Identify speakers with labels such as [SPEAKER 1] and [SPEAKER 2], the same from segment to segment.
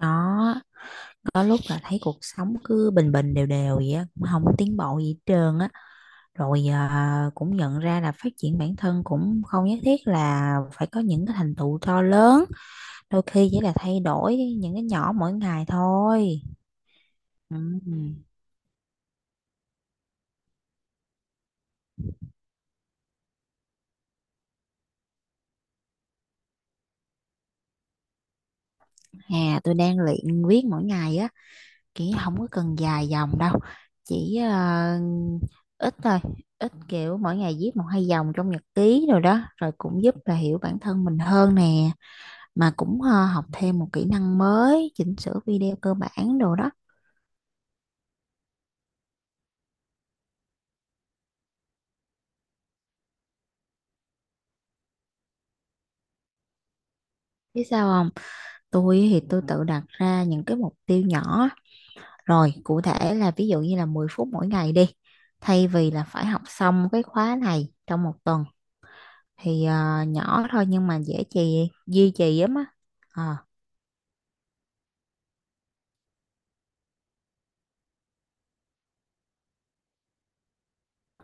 [SPEAKER 1] Đó, có lúc là thấy cuộc sống cứ bình bình đều đều vậy á cũng không có tiến bộ gì hết trơn á. Rồi à, cũng nhận ra là phát triển bản thân cũng không nhất thiết là phải có những cái thành tựu to lớn. Đôi khi chỉ là thay đổi những cái nhỏ mỗi ngày thôi. Ừ. À, tôi đang luyện viết mỗi ngày á, kiểu không có cần dài dòng đâu, chỉ ít thôi, ít kiểu mỗi ngày viết một hai dòng trong nhật ký rồi đó, rồi cũng giúp là hiểu bản thân mình hơn nè. Mà cũng học thêm một kỹ năng mới chỉnh sửa video cơ bản đồ đó. Biết sao không? Tôi thì tôi tự đặt ra những cái mục tiêu nhỏ, rồi cụ thể là ví dụ như là 10 phút mỗi ngày đi, thay vì là phải học xong cái khóa này trong một tuần. Thì nhỏ thôi nhưng mà dễ duy trì lắm á. Ờ,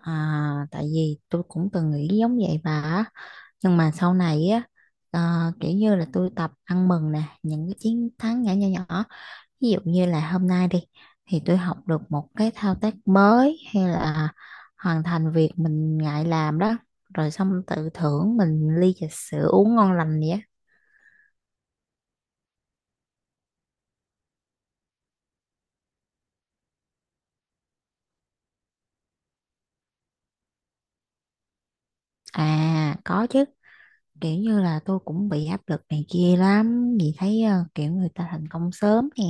[SPEAKER 1] à, tại vì tôi cũng từng nghĩ giống vậy bà á. Nhưng mà sau này á, ờ, kiểu như là tôi tập ăn mừng nè những cái chiến thắng nhỏ nhỏ nhỏ. Ví dụ như là hôm nay đi thì tôi học được một cái thao tác mới, hay là hoàn thành việc mình ngại làm đó, rồi xong tự thưởng mình ly trà sữa uống ngon lành vậy á. À, có chứ. Kiểu như là tôi cũng bị áp lực này kia lắm vì thấy kiểu người ta thành công sớm nè,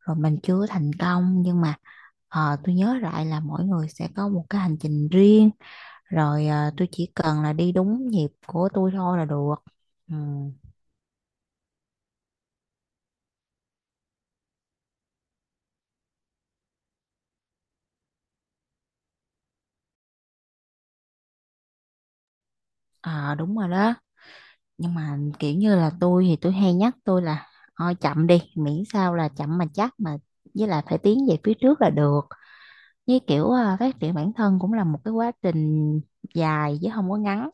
[SPEAKER 1] rồi mình chưa thành công, nhưng mà tôi nhớ lại là mỗi người sẽ có một cái hành trình riêng. Rồi tôi chỉ cần là đi đúng nhịp của tôi thôi là được. Ừ. Ờ, đúng rồi đó, nhưng mà kiểu như là tôi thì tôi hay nhắc tôi là thôi chậm đi, miễn sao là chậm mà chắc mà, với lại phải tiến về phía trước là được. Với kiểu à, phát triển bản thân cũng là một cái quá trình dài chứ không có ngắn.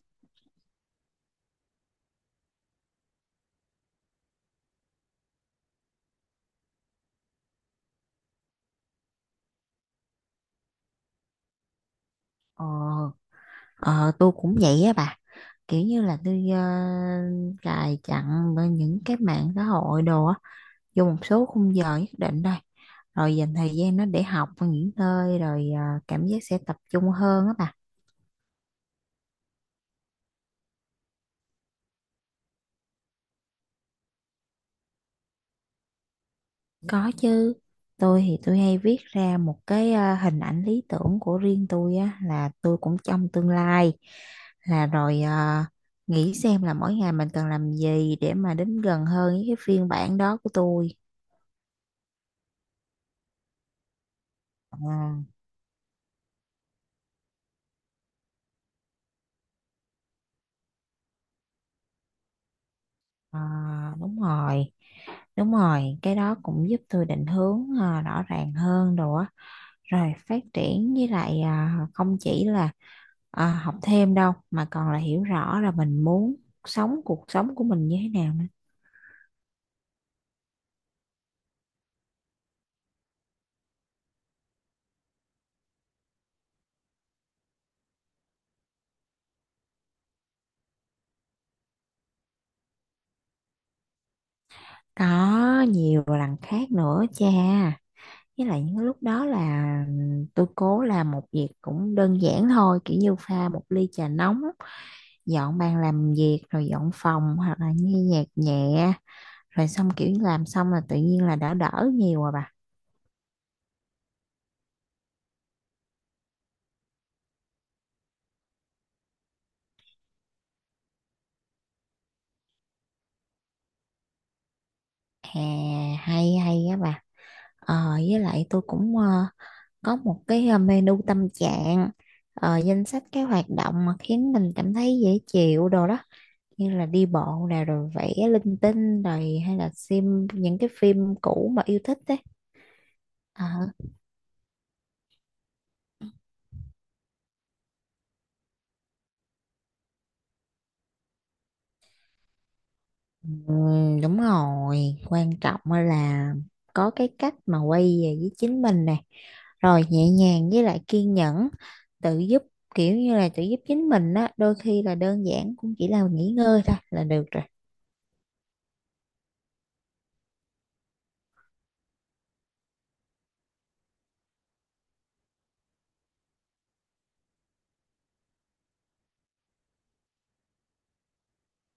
[SPEAKER 1] ờ, ờ tôi cũng vậy á bà, kiểu như là tôi cài chặn bên những cái mạng xã hội đồ á, vô một số khung giờ nhất định thôi, rồi dành thời gian nó để học những nơi, rồi cảm giác sẽ tập trung hơn á bà. Có chứ, tôi thì tôi hay viết ra một cái hình ảnh lý tưởng của riêng tôi á, là tôi cũng trong tương lai, là rồi nghĩ xem là mỗi ngày mình cần làm gì để mà đến gần hơn với cái phiên bản đó của tôi. Ờ, ờ, đúng rồi, đúng rồi, cái đó cũng giúp tôi định hướng rõ ràng hơn rồi á. Rồi phát triển với lại không chỉ là học thêm đâu, mà còn là hiểu rõ là mình muốn sống cuộc sống của mình như thế nào nữa. Có nhiều lần khác nữa cha. Với lại những lúc đó là tôi cố làm một việc cũng đơn giản thôi, kiểu như pha một ly trà nóng, dọn bàn làm việc, rồi dọn phòng, hoặc là nghe nhạc nhẹ, rồi xong kiểu như làm xong là tự nhiên là đã đỡ nhiều rồi bà. À, hay hay á bà. Ờ, với lại tôi cũng có một cái menu tâm trạng, danh sách cái hoạt động mà khiến mình cảm thấy dễ chịu đồ đó. Như là đi bộ nè, rồi vẽ linh tinh, rồi hay là xem những cái phim cũ mà yêu thích đấy. à, ừ, đúng rồi, quan trọng á là có cái cách mà quay về với chính mình nè, rồi nhẹ nhàng với lại kiên nhẫn tự giúp, kiểu như là tự giúp chính mình á, đôi khi là đơn giản cũng chỉ là nghỉ ngơi thôi là được rồi.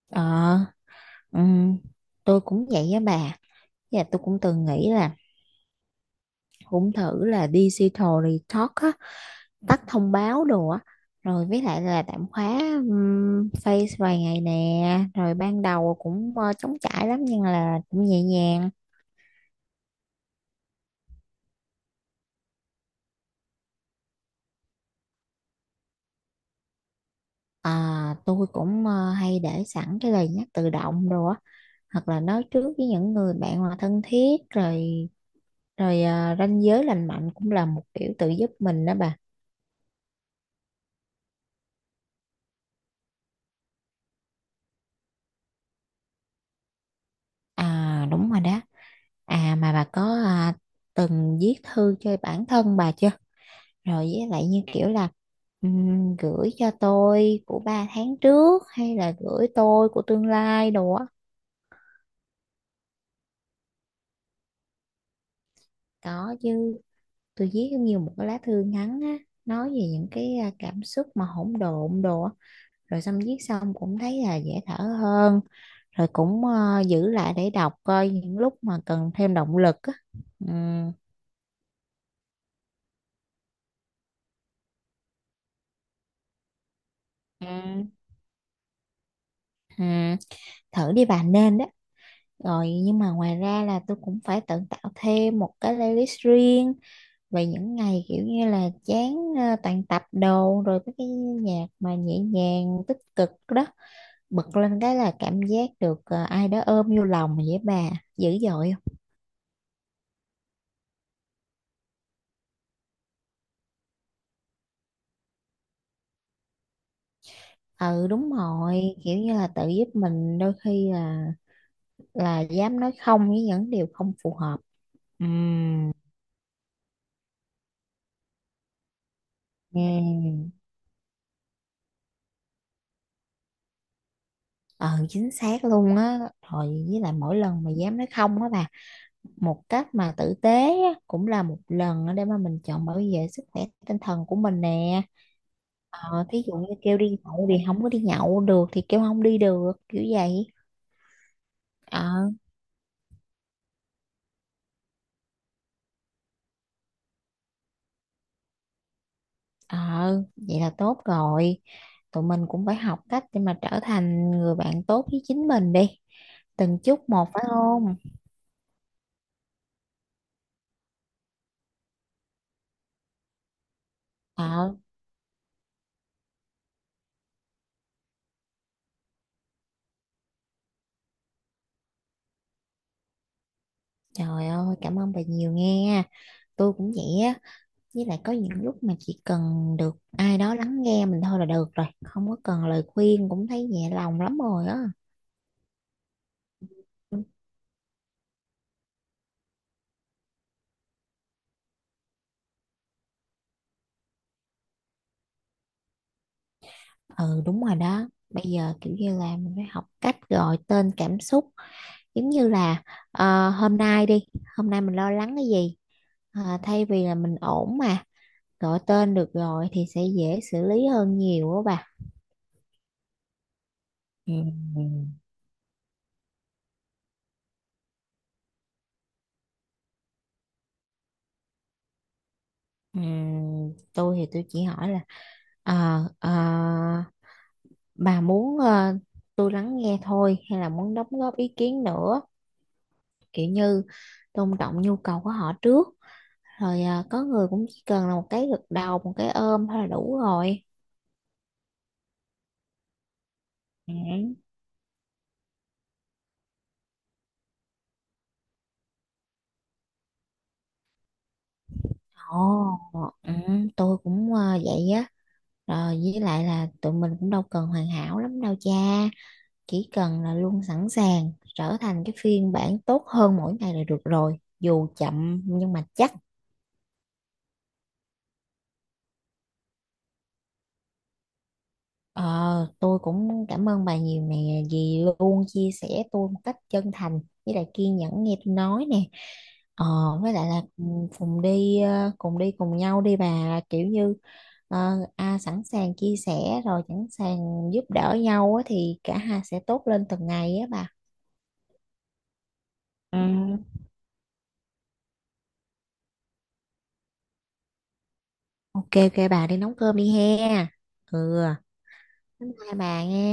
[SPEAKER 1] ờ ừm, tôi cũng vậy á bà. Với tôi cũng từng nghĩ là cũng thử là digital detox á, tắt thông báo đồ á, rồi với lại là tạm khóa face vài ngày nè. Rồi ban đầu cũng trống trải lắm nhưng là cũng nhẹ nhàng. À, tôi cũng hay để sẵn cái lời nhắc tự động đồ á, hoặc là nói trước với những người bạn mà thân thiết rồi. Rồi ranh giới lành mạnh cũng là một kiểu tự giúp mình đó bà. À, đúng rồi đó. À, mà bà có từng viết thư cho bản thân bà chưa? Rồi với lại như kiểu là gửi cho tôi của 3 tháng trước, hay là gửi tôi của tương lai đồ á. Có chứ, tôi viết giống như một cái lá thư ngắn á, nói về những cái cảm xúc mà hỗn độn đồ á. Rồi xong viết xong cũng thấy là dễ thở hơn, rồi cũng giữ lại để đọc coi những lúc mà cần thêm động lực á. Ừ, ừ, ừ. Thử đi bà, nên đó. Rồi nhưng mà ngoài ra là tôi cũng phải tự tạo thêm một cái playlist riêng, vậy những ngày kiểu như là chán toàn tập đồ, rồi mấy cái nhạc mà nhẹ nhàng tích cực đó, bật lên cái là cảm giác được ai đó ôm vô lòng vậy bà, dữ dội không? Ừ, đúng rồi, kiểu như là tự giúp mình đôi khi là dám nói không với những điều không phù hợp. Ừm. Ừm. Ừ. Ờ, chính xác luôn á. Rồi với lại mỗi lần mà dám nói không á bà, một cách mà tử tế á, cũng là một lần á để mà mình chọn bảo vệ sức khỏe tinh thần của mình nè. Ờ, thí dụ như kêu đi nhậu thì không có đi nhậu được, thì kêu không đi được kiểu vậy. ờ ờ Vậy là tốt rồi, tụi mình cũng phải học cách để mà trở thành người bạn tốt với chính mình đi, từng chút một, phải không? ờ Trời ơi, cảm ơn bà nhiều nghe. Tôi cũng vậy á, với lại có những lúc mà chỉ cần được ai đó lắng nghe mình thôi là được rồi, không có cần lời khuyên cũng thấy nhẹ lòng lắm rồi á. Ừ, đúng rồi đó. Bây giờ kiểu như là mình phải học cách gọi tên cảm xúc, giống như là hôm nay đi, hôm nay mình lo lắng cái gì. Ờ, thay vì là mình ổn mà, gọi tên được rồi thì sẽ dễ xử lý hơn nhiều á bà. Ừ. Ừ, ừ, tôi thì tôi chỉ hỏi là ờ, ờ, bà muốn tôi lắng nghe thôi hay là muốn đóng góp ý kiến nữa, kiểu như tôn trọng nhu cầu của họ trước. Rồi có người cũng chỉ cần là một cái gật đầu, một cái ôm thôi là đủ rồi. Ừ. Ồ, ừ, tôi cũng vậy á. Rồi với lại là tụi mình cũng đâu cần hoàn hảo lắm đâu cha. Chỉ cần là luôn sẵn sàng trở thành cái phiên bản tốt hơn mỗi ngày là được rồi. Dù chậm nhưng mà chắc. Ờ, tôi cũng cảm ơn bà nhiều nè, vì luôn chia sẻ tôi một cách chân thành, với lại kiên nhẫn nghe tôi nói nè. ờ, với lại là cùng cùng đi ờ, cùng đi cùng nhau đi bà, kiểu như sẵn sàng chia sẻ, rồi sẵn sàng giúp đỡ nhau á, thì cả hai sẽ tốt lên từng ngày á bà. Ừ. OK, OK, bà đi nấu cơm đi he. Ừ, bye bye bà nha.